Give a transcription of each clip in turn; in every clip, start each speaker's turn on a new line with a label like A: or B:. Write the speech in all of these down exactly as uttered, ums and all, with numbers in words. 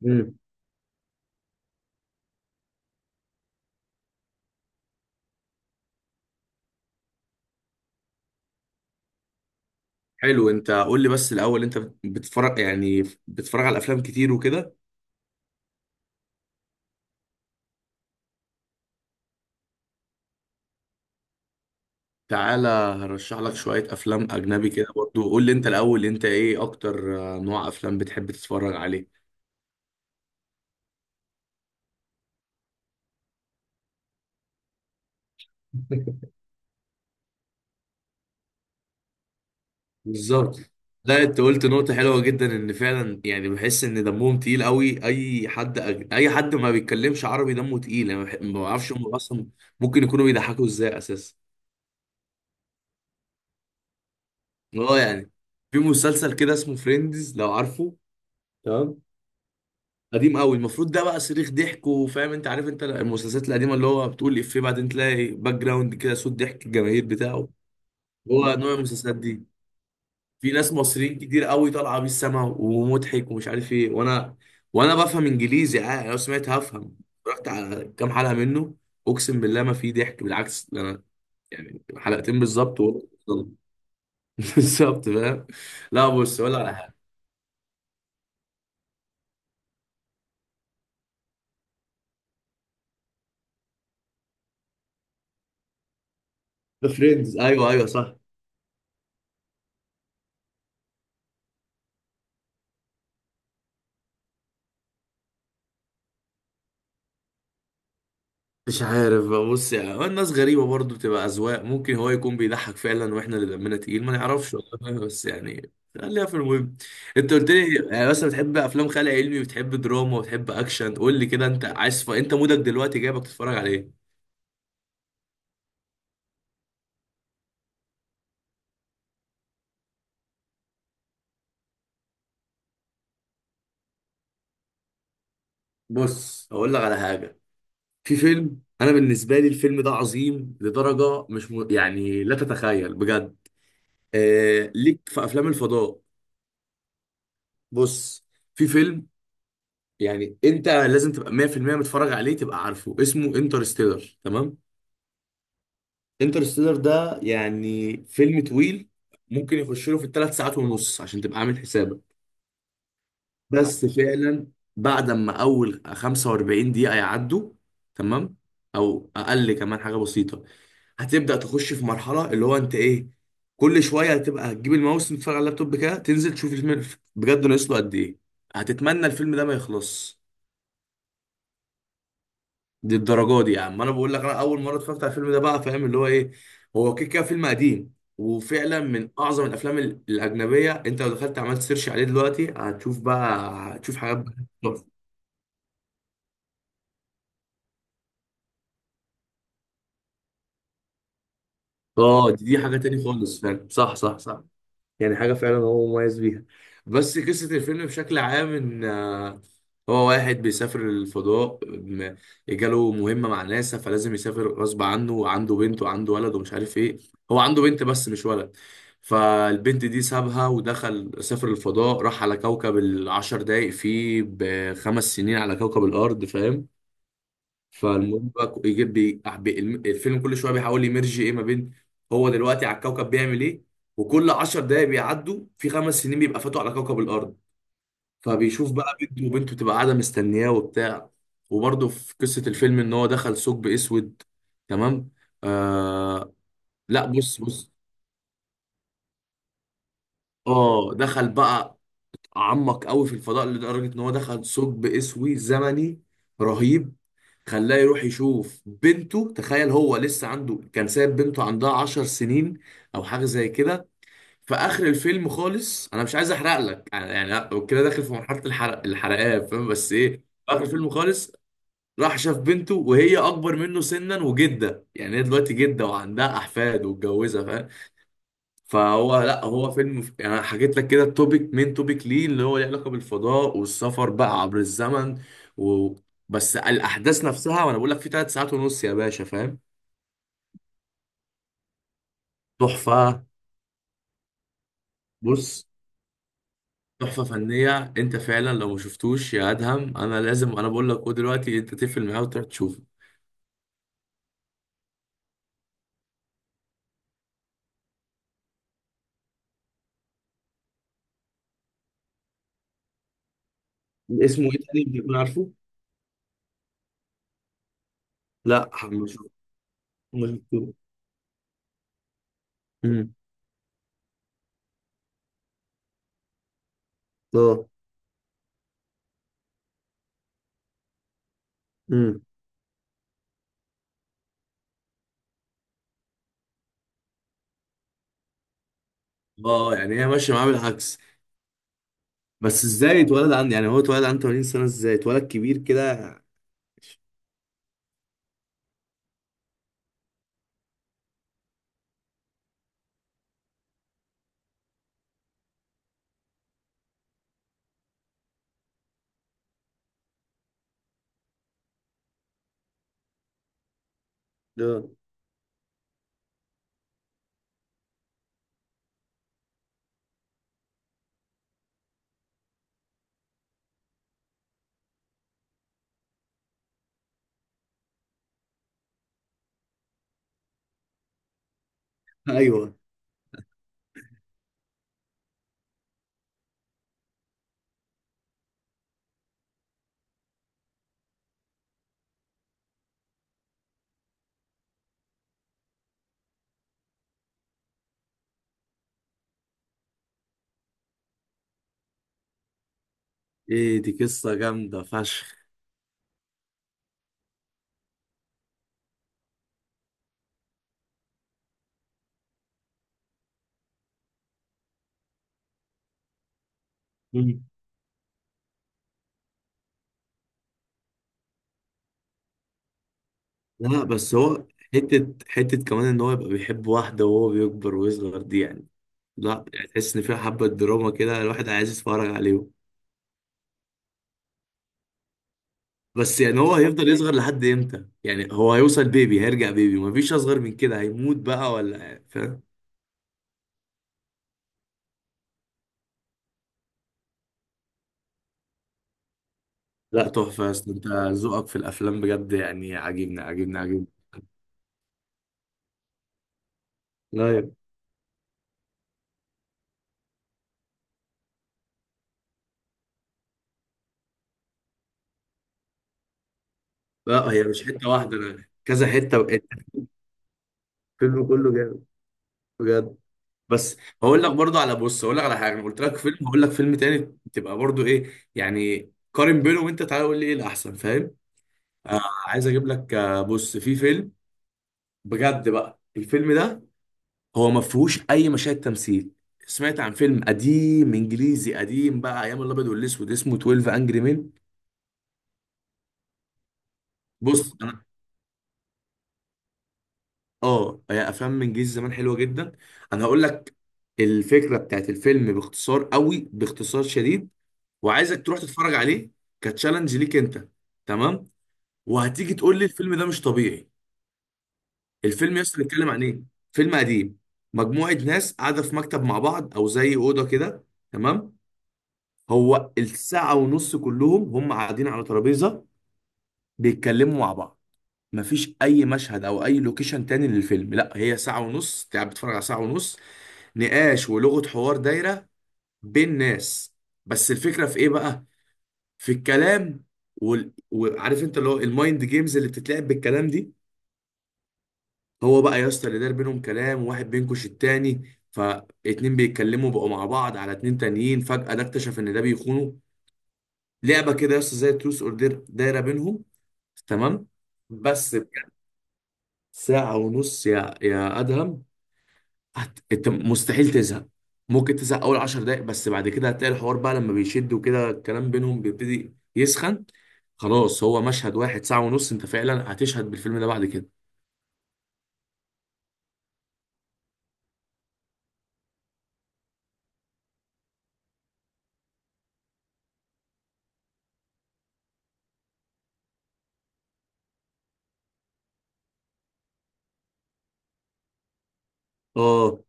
A: مم. حلو، انت قول لي بس الاول، انت بتتفرج، يعني بتتفرج على افلام كتير وكده. تعالى هرشح لك شوية افلام اجنبي كده برضو. قول لي انت الاول، انت ايه اكتر آه، نوع افلام بتحب تتفرج عليه؟ بالظبط. لا انت قلت نقطة حلوة جدا، ان فعلا يعني بحس ان دمهم تقيل قوي. اي حد أج... اي حد ما بيتكلمش عربي دمه تقيل. انا بح- ما بعرفش هم اصلا ممكن يكونوا بيضحكوا ازاي اساسا. اه يعني في مسلسل كده اسمه فريندز، لو عارفه. تمام. قديم قوي المفروض ده، بقى صريخ ضحك. وفاهم انت، عارف انت المسلسلات القديمه اللي هو بتقول افيه بعدين تلاقي باك جراوند كده صوت ضحك الجماهير بتاعه. هو نوع المسلسلات دي. في ناس مصريين كتير قوي طالعه بيه السما ومضحك ومش عارف ايه، وانا وانا بفهم انجليزي عادي لو سمعت هفهم. رحت على كام حلقه منه، اقسم بالله ما في ضحك. بالعكس ده انا يعني حلقتين بالظبط و- بالظبط فاهم. لا بص ولا على حاجه. فريندز ايوه ايوه صح. مش عارف بقى، بص يعني هو الناس غريبة برضو، بتبقى أذواق. ممكن هو يكون بيضحك فعلا واحنا اللي دمنا تقيل ما نعرفش والله، بس يعني خليها في المهم. انت قلت لي يعني مثلا بتحب افلام خيال علمي وبتحب دراما وبتحب اكشن. قول لي كده انت عايز ف... انت مودك دلوقتي جايبك تتفرج على ايه؟ بص هقول لك على حاجة. في فيلم، انا بالنسبة لي الفيلم ده عظيم لدرجة مش م... يعني لا تتخيل بجد. آه... ليك في افلام الفضاء. بص، في فيلم يعني انت لازم تبقى مية في المية متفرج عليه. تبقى عارفه اسمه انترستيلر. تمام. انترستيلر ده يعني فيلم طويل. ممكن يخش له في الثلاث ساعات ونص عشان تبقى عامل حسابك. بس فعلا بعد ما اول خمسة واربعين دقيقة يعدوا، تمام، او اقل كمان حاجة بسيطة، هتبدأ تخش في مرحلة اللي هو انت ايه. كل شوية هتبقى هتجيب الماوس تتفرج على اللابتوب كده، تنزل تشوف الفيلم. بجد ناقص له قد ايه. هتتمنى الفيلم ده ما يخلص. دي الدرجه دي يا عم. انا بقول لك انا اول مره اتفرجت على الفيلم ده بقى، فاهم اللي هو ايه. هو كده كده فيلم قديم وفعلا من اعظم الافلام ال- الاجنبيه. انت لو دخلت عملت سيرش عليه دلوقتي هتشوف بقى. هتشوف حاجات بقى. اه دي, دي حاجه تاني خالص، فعلا صح صح صح. يعني حاجة فعلا هو مميز بيها. بس قصة الفيلم بشكل عام إن آه، هو واحد بيسافر الفضاء، م- جاله مهمة مع ناسا فلازم يسافر غصب عنه، وعنده بنت وعنده ولد ومش عارف إيه. هو عنده بنت بس مش ولد. فالبنت دي سابها ودخل سافر الفضاء، راح على كوكب العشر دقايق فيه بخمس سنين على كوكب الأرض، فاهم. فالمهم بقى يجيب بي... بي- الم- الفيلم كل شويه بيحاول يمرج ايه ما بين هو دلوقتي على الكوكب بيعمل ايه، وكل عشر دقايق بيعدوا في خمس سنين بيبقى فاتوا على كوكب الارض. فبيشوف بقى بنته، وبنته بتبقى قاعده مستنياه وبتاع. وبرده في قصه الفيلم ان هو دخل ثقب اسود. تمام. آه. لا بص بص. اه دخل بقى عمق قوي في الفضاء لدرجه ان هو دخل ثقب اسود زمني رهيب، خلاه يروح يشوف بنته. تخيل هو لسه عنده، كان سايب بنته عندها عشر سنين او حاجه زي كده. في اخر الفيلم خالص، انا مش عايز احرق لك يعني. يعني كده داخل في مرحله الحرق الحرقان فاهم. بس ايه، في اخر الفيلم خالص راح شاف بنته وهي اكبر منه سنا وجده. يعني هي دلوقتي جده وعندها احفاد واتجوزها، فاهم؟ فهو لا، هو فيلم يعني. أنا حكيت لك كده التوبيك، مين توبيك ليه اللي هو ليه علاقه بالفضاء والسفر بقى عبر الزمن. و... بس الاحداث نفسها، وانا بقول لك في ثلاث ساعات ونص يا باشا، فاهم. تحفه. بص، تحفه فنيه. انت فعلا لو ما شفتوش يا ادهم، انا لازم انا بقول لك هو دلوقتي انت تقفل معاه وتروح تشوفه. اسمه ايه تاني بتكون عارفه؟ لا ما شفت- ما شفتوش. امم اه امم اه يعني هي ماشيه معاه بالعكس. بس ازاي اتولد عن، يعني هو اتولد عنده تمانين سنه ازاي اتولد كبير كده. لا ايوه. ايه دي قصه جامده فشخ. مم. لا بس هو، حته حته كمان ان هو يبقى بيحب واحده وهو بيكبر ويصغر دي يعني. لا يعني تحس ان فيها حبه دراما كده الواحد عايز يتفرج عليهم. بس يعني هو هيفضل يصغر لحد امتى؟ يعني هو هيوصل بيبي، هيرجع بيبي، مفيش اصغر من كده، هيموت بقى ولا إيه؟ فاهم. لا تحفه يا اسطى، انت ذوقك في الافلام بجد، يعني عاجبني عاجبني عاجبني. لا يا- لا هي مش حته واحده انا كذا حته وقت. الفيلم كله جامد بجد. بس هقول لك برضو على، بص هقول لك على حاجه. انا قلت لك فيلم، هقول لك فيلم تاني تبقى برضو ايه، يعني قارن بينه وانت تعالى قول لي ايه الاحسن، فاهم. آه، عايز اجيب لك. آه بص، في فيلم بجد بقى، الفيلم ده هو ما فيهوش اي مشاهد تمثيل. سمعت عن فيلم قديم انجليزي قديم بقى ايام الابيض والاسود اسمه اتناشر انجري مين؟ بص انا، اه هي افلام انجليزي زمان حلوه جدا. انا هقول لك الفكره بتاعت الفيلم باختصار قوي باختصار شديد، وعايزك تروح تتفرج عليه. كتشالنج ليك انت. تمام. وهتيجي تقول لي الفيلم ده مش طبيعي. الفيلم يس بيتكلم عن ايه؟ فيلم قديم. مجموعة ناس قاعدة في مكتب مع بعض او زي أوضة كده. تمام. هو الساعة ونص كلهم هم قاعدين على ترابيزة بيتكلموا مع بعض. مفيش اي مشهد او اي لوكيشن تاني للفيلم. لا هي ساعة ونص انت قاعد بتتفرج على ساعة ونص نقاش ولغة حوار دايرة بين ناس. بس الفكرة في ايه بقى؟ في الكلام وال... وعارف انت اللي هو المايند جيمز اللي بتتلعب بالكلام دي. هو بقى يا اسطى، اللي دار بينهم كلام وواحد بينكش التاني، فاتنين بيتكلموا بقوا مع بعض على اتنين تانيين، فجأة ده اكتشف ان ده بيخونه. لعبة كده يا اسطى زي تروس اوردر دايرة بينهم. تمام. بس بجد، ساعة ونص يا يا ادهم، هت... انت مستحيل تزهق. ممكن تزهق اول عشر دقايق بس بعد كده هتلاقي الحوار بقى لما بيشد وكده الكلام بينهم بيبتدي يسخن. خلاص هو مشهد واحد ساعة ونص، انت فعلا هتشهد بالفيلم ده بعد كده. اه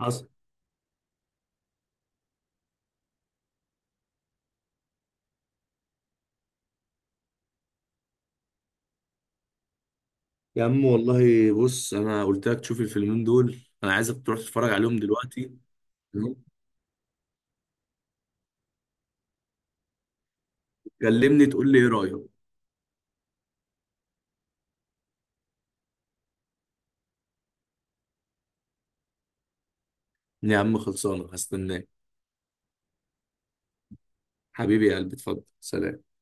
A: حصل. يا عم والله. بص، انا قلت لك تشوف الفيلمين دول. انا عايزك تروح تتفرج عليهم دلوقتي. تمام؟ كلمني تقول لي ايه رأيك. يا عم خلصانة، هستناك. حبيبي يا قلبي، اتفضل سلام.